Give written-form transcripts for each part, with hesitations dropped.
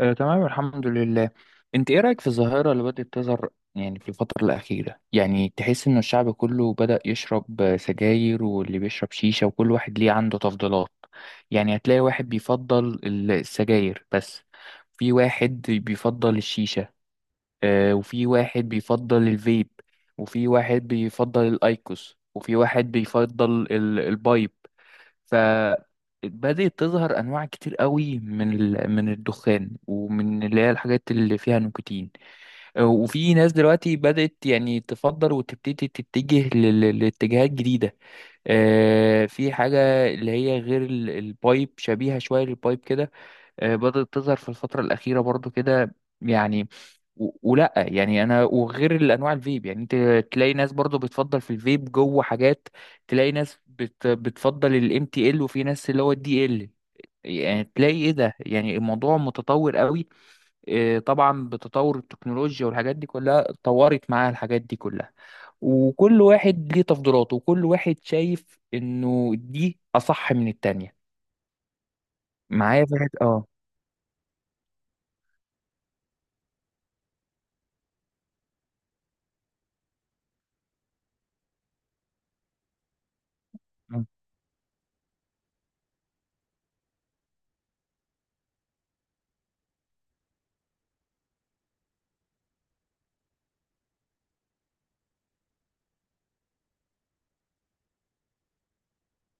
تمام الحمد لله. انت ايه رأيك في الظاهرة اللي بدأت تظهر؟ يعني في الفترة الأخيرة يعني تحس ان الشعب كله بدأ يشرب سجاير، واللي بيشرب شيشة، وكل واحد ليه عنده تفضيلات. يعني هتلاقي واحد بيفضل السجاير بس، في واحد بيفضل الشيشة، وفي واحد بيفضل الفيب، وفي واحد بيفضل الأيكوس، وفي واحد بيفضل البايب. فبدأت تظهر أنواع كتير قوي من من الدخان ومن اللي هي الحاجات اللي فيها نيكوتين. وفي ناس دلوقتي بدأت يعني تفضل وتبتدي تتجه لاتجاهات جديدة. في حاجة اللي هي غير البايب، شبيهة شوية للبايب كده. بدأت تظهر في الفترة الأخيرة برضو كده يعني. ولا يعني انا وغير الانواع الفيب يعني انت تلاقي ناس برضو بتفضل في الفيب جوه حاجات. تلاقي ناس بتفضل الام تي ال، وفي ناس اللي هو الدي ال. يعني تلاقي ايه ده؟ يعني الموضوع متطور قوي. إيه طبعا بتطور التكنولوجيا والحاجات دي كلها اتطورت معاها الحاجات دي كلها. وكل واحد ليه تفضيلاته وكل واحد شايف انه دي اصح من التانية. معايا فهد، اه.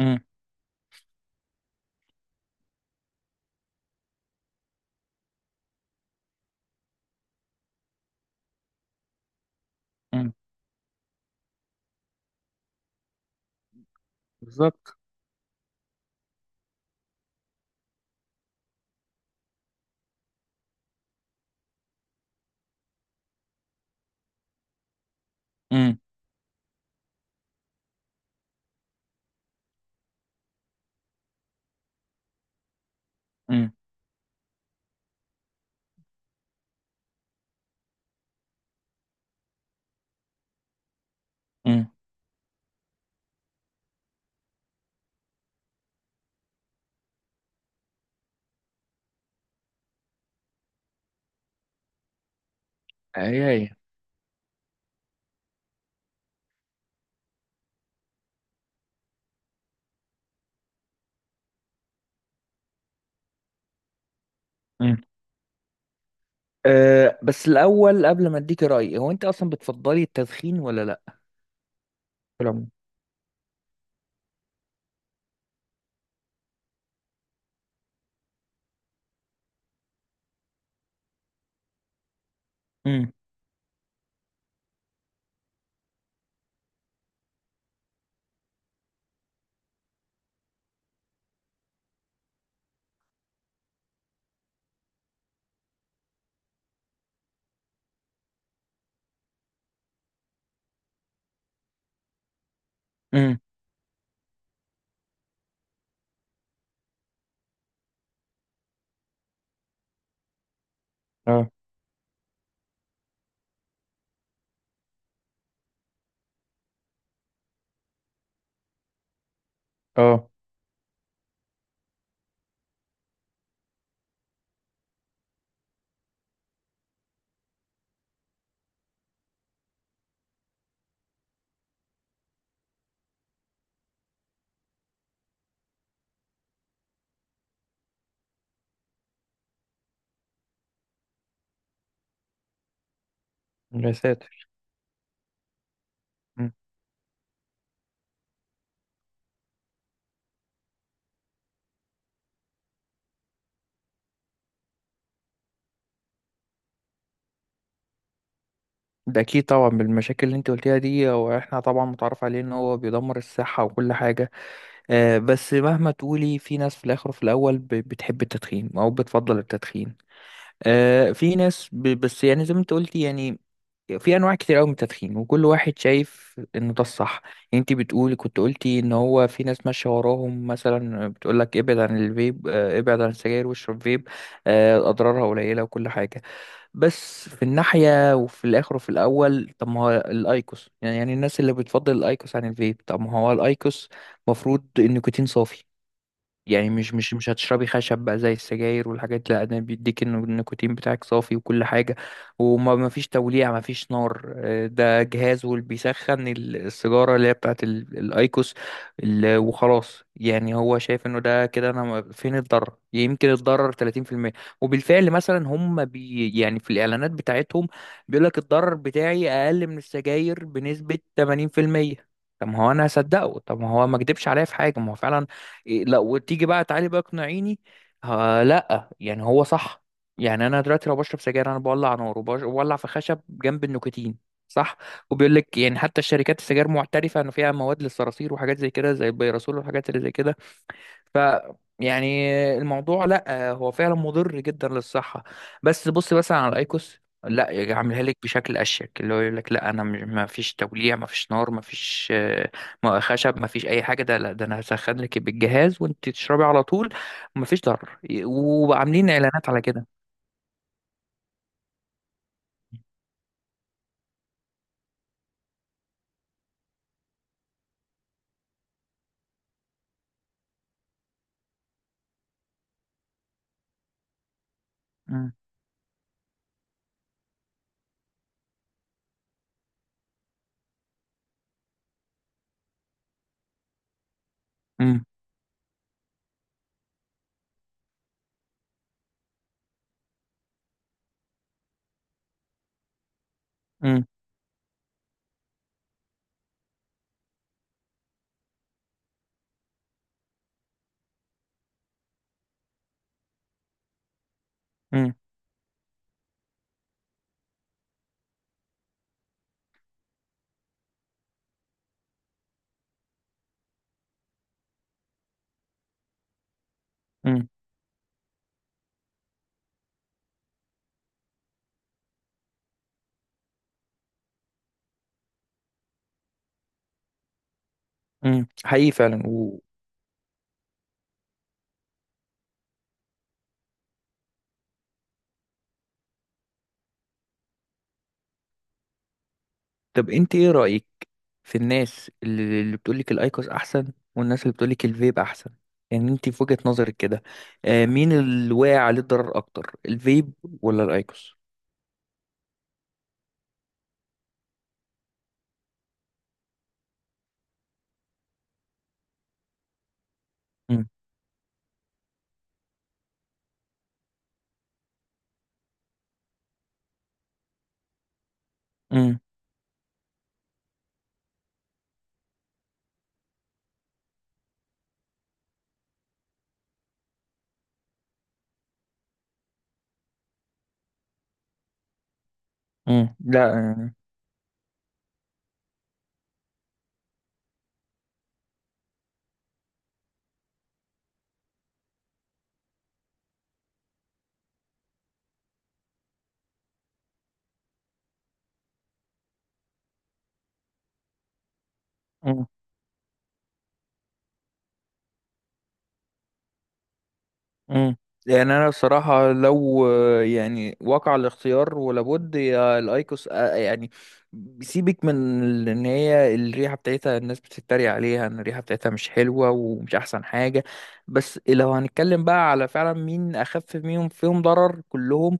مم. مم. بالظبط. امم. امم. امم. هي هي. امم. بس الأول قبل ما أديك رأيي، هو أنت أصلا بتفضلي التدخين ولا لأ؟ في العموم؟ امم. امم. اه. اه. يا ساتر. مم. ده أكيد طبعا بالمشاكل اللي أنت قلتيها دي، هو إحنا طبعا متعرف عليه إن هو بيدمر الصحة وكل حاجة. بس مهما تقولي، في ناس في الآخر وفي الأول بتحب التدخين أو بتفضل التدخين. في ناس بس يعني زي ما أنت قلتي يعني. في انواع كتير قوي من التدخين، وكل واحد شايف انه ده الصح. يعني انت بتقولي كنت قلتي ان هو في ناس ماشيه وراهم مثلا بتقول لك ابعد عن الفيب، ابعد عن السجاير واشرب فيب، اضرارها قليله وكل حاجه. بس في الناحيه وفي الاخر وفي الاول، طب ما هو الايكوس؟ يعني الناس اللي بتفضل الايكوس عن الفيب، طب ما هو الايكوس مفروض النيكوتين صافي. يعني مش هتشربي خشب بقى زي السجاير والحاجات. لا، ده بيديك إنه النيكوتين بتاعك صافي وكل حاجة، وما ما فيش توليع، ما فيش نار. ده جهاز واللي بيسخن السيجارة اللي هي بتاعت الايكوس. وخلاص يعني هو شايف انه ده كده، انا فين الضرر؟ يمكن الضرر 30%. وبالفعل مثلا هم يعني في الاعلانات بتاعتهم بيقول لك الضرر بتاعي اقل من السجاير بنسبة 80%. طب ما هو انا هصدقه، طب ما هو ما كدبش عليا في حاجه، ما هو فعلا إيه. لا، وتيجي بقى تعالي بقى اقنعيني. ها، لا يعني هو صح. يعني انا دلوقتي لو بشرب سجاير انا بولع نار وبولع في خشب جنب النيكوتين، صح. وبيقول لك يعني حتى الشركات السجاير معترفه انه فيها مواد للصراصير وحاجات زي كده، زي البيرسول والحاجات اللي زي كده. ف يعني الموضوع لا هو فعلا مضر جدا للصحة. بس بص مثلا على الايكوس، لا يجي عاملها لك بشكل اشيك، اللي هو يقول لك لا انا مش ما فيش توليع، ما فيش نار، ما فيش خشب، ما فيش اي حاجه. ده لا، ده انا هسخن لك بالجهاز وانت تشربي على طول، وما فيش ضرر، وعاملين اعلانات على كده. امم. امم. امم. امم، حقيقي فعلا. طب انت ايه رأيك في الناس اللي بتقولك الايكوس احسن، والناس اللي بتقولك الفيب احسن؟ يعني انت في وجهة نظرك كده، مين اللي واقع عليه الضرر اكتر، الفيب ولا الايكوس؟ امم. امم. لا. مم. يعني انا الصراحه لو يعني وقع الاختيار، ولابد يا الايكوس يعني سيبك من ان هي الريحه بتاعتها الناس بتتريق عليها، ان الريحه بتاعتها مش حلوه ومش احسن حاجه. بس لو هنتكلم بقى على فعلا مين اخف منهم، فيهم ضرر كلهم،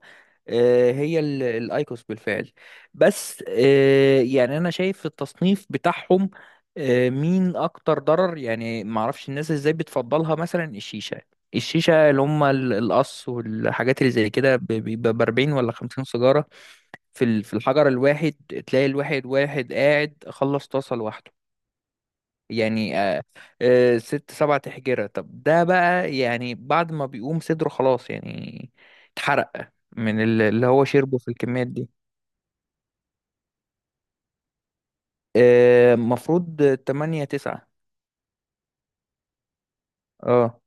هي الايكوس بالفعل. بس يعني انا شايف التصنيف بتاعهم، مين اكتر ضرر. يعني ما اعرفش الناس ازاي بتفضلها، مثلا الشيشه. الشيشه اللي هم القص والحاجات اللي زي كده بيبقى ب 40 ولا 50 سيجاره في في الحجر الواحد. تلاقي واحد قاعد خلص طاسه لوحده، يعني آه. ست سبع تحجرة. طب ده بقى يعني بعد ما بيقوم صدره خلاص يعني اتحرق من اللي هو شربه في الكميات دي. مفروض تمانية تسعة. اه،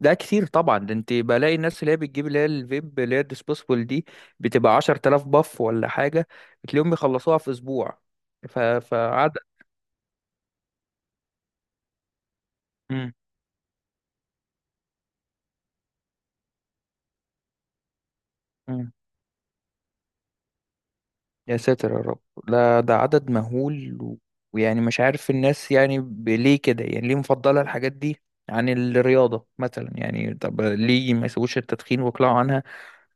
ده كتير طبعا. ده انت بلاقي الناس اللي هي بتجيب اللي هي الفيب اللي هي الديسبوسبل دي بتبقى 10,000 باف ولا حاجة، بتلاقيهم بيخلصوها في أسبوع. ف... فعدد. يا ساتر يا رب، لا ده عدد مهول ويعني مش عارف الناس يعني ليه كده، يعني ليه مفضلة الحاجات دي عن الرياضة مثلا؟ يعني طب ليه ما يسووش التدخين ويقلعوا عنها؟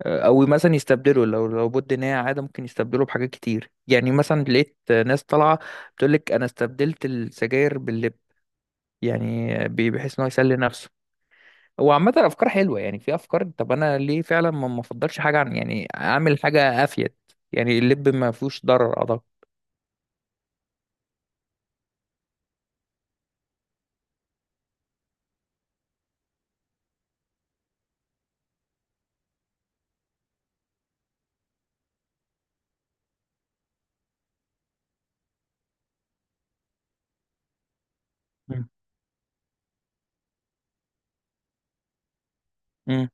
أو مثلا يستبدلوا، لو بد إن هي عادة ممكن يستبدلوا بحاجات كتير. يعني مثلا لقيت ناس طالعة بتقولك أنا استبدلت السجاير باللب، يعني بحيث إن هو يسلي نفسه. هو عامة أفكار حلوة، يعني في أفكار. طب أنا ليه فعلا ما أفضلش حاجة عن يعني أعمل حاجة أفيد؟ يعني اللب ما فيهوش ضرر أعتقد. مم.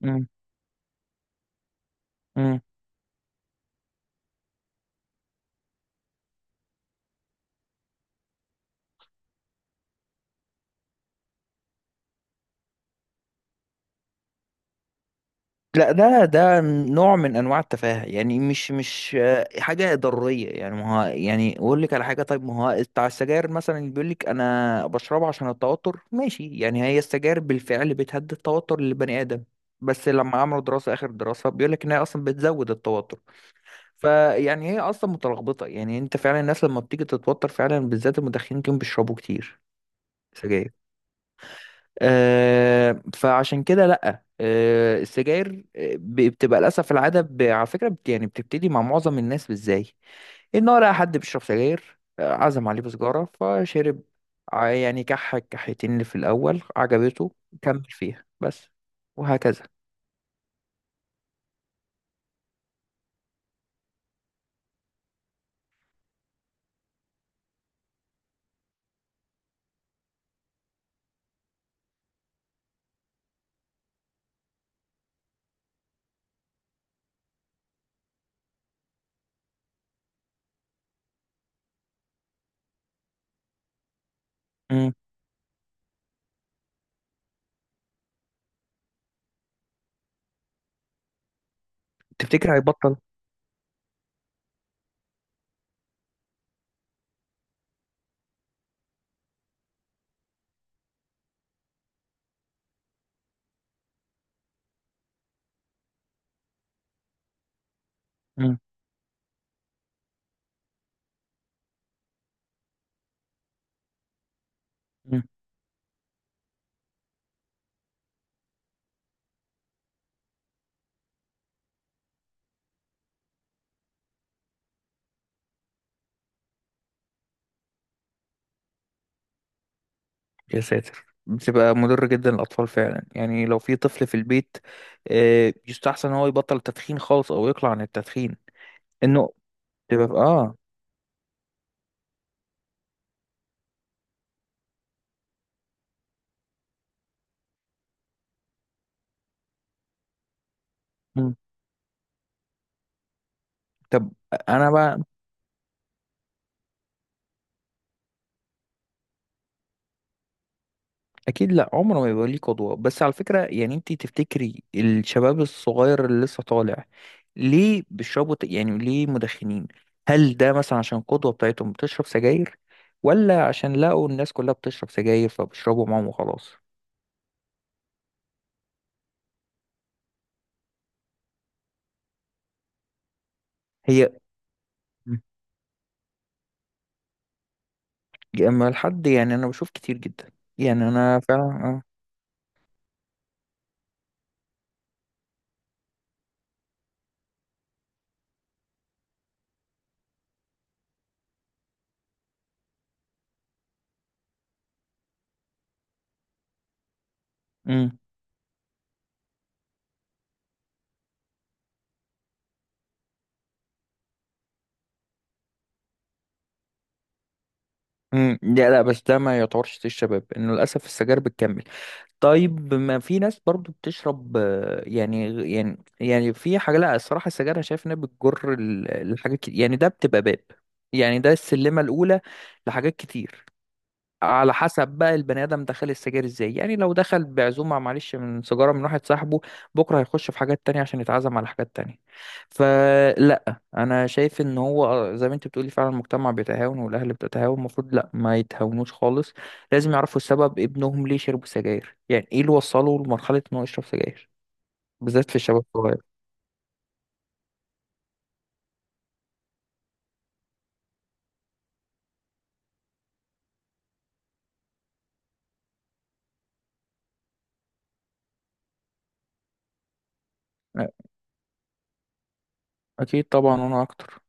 مم. مم. لا، ده نوع من انواع التفاهه. يعني مش حاجه ضروريه. يعني ما هو يعني اقول لك على حاجه، طيب ما هو بتاع السجاير مثلا اللي بيقول لك انا بشربها عشان التوتر، ماشي يعني. هي السجاير بالفعل بتهدي التوتر للبني ادم، بس لما عملوا دراسه اخر دراسه بيقول لك ان هي اصلا بتزود التوتر. فيعني هي اصلا متلخبطه. يعني انت فعلا الناس لما بتيجي تتوتر فعلا، بالذات المدخنين، كانوا بيشربوا كتير سجاير. فعشان كده لأ. السجاير بتبقى للأسف العادة. على فكرة يعني بتبتدي مع معظم الناس إزاي؟ إن هو لقى حد بيشرب سجاير، عزم عليه بسجارة فشرب، يعني كحيتين اللي في الأول عجبته، كمل فيها بس، وهكذا. مم. تفتكر هيبطل؟ مم. مم. يا ساتر، بتبقى مضر جدا للأطفال فعلا. يعني لو في طفل في البيت يستحسن إن هو يبطل التدخين خالص أو يقلع عن التدخين. إنه تبقى اه. مم. طب انا بقى، اكيد لا، عمره ما يبقى ليه قدوه. بس على فكره يعني انت تفتكري الشباب الصغير اللي لسه طالع، ليه بيشربوا يعني ليه مدخنين؟ هل ده مثلا عشان القدوه بتاعتهم بتشرب سجاير، ولا عشان لقوا الناس كلها بتشرب سجاير فبيشربوا معاهم وخلاص؟ هي. مم. اما الحد، يعني انا بشوف كتير جدا، يعني انا فعلا. اه. امم. لا لا، بس ده ما يعتبرش تيل الشباب انه للاسف السجاير بتكمل. طيب ما في ناس برضو بتشرب يعني في حاجه. لا، الصراحه السجاير انا شايف انها بتجر لحاجات كتير، يعني ده بتبقى باب، يعني ده السلمه الاولى لحاجات كتير. على حسب بقى البني ادم دخل السجاير ازاي. يعني لو دخل بعزومه معلش من سيجاره من واحد صاحبه، بكره هيخش في حاجات تانية عشان يتعزم على حاجات تانية. فلا، انا شايف ان هو زي ما انت بتقولي فعلا المجتمع بيتهاون والاهل بتتهاون، المفروض لا ما يتهاونوش خالص. لازم يعرفوا السبب، ابنهم ليه شرب سجاير، يعني ايه اللي وصله لمرحله انه يشرب سجاير، بالذات في الشباب الصغير. أكيد طبعا، وأنا أكتر.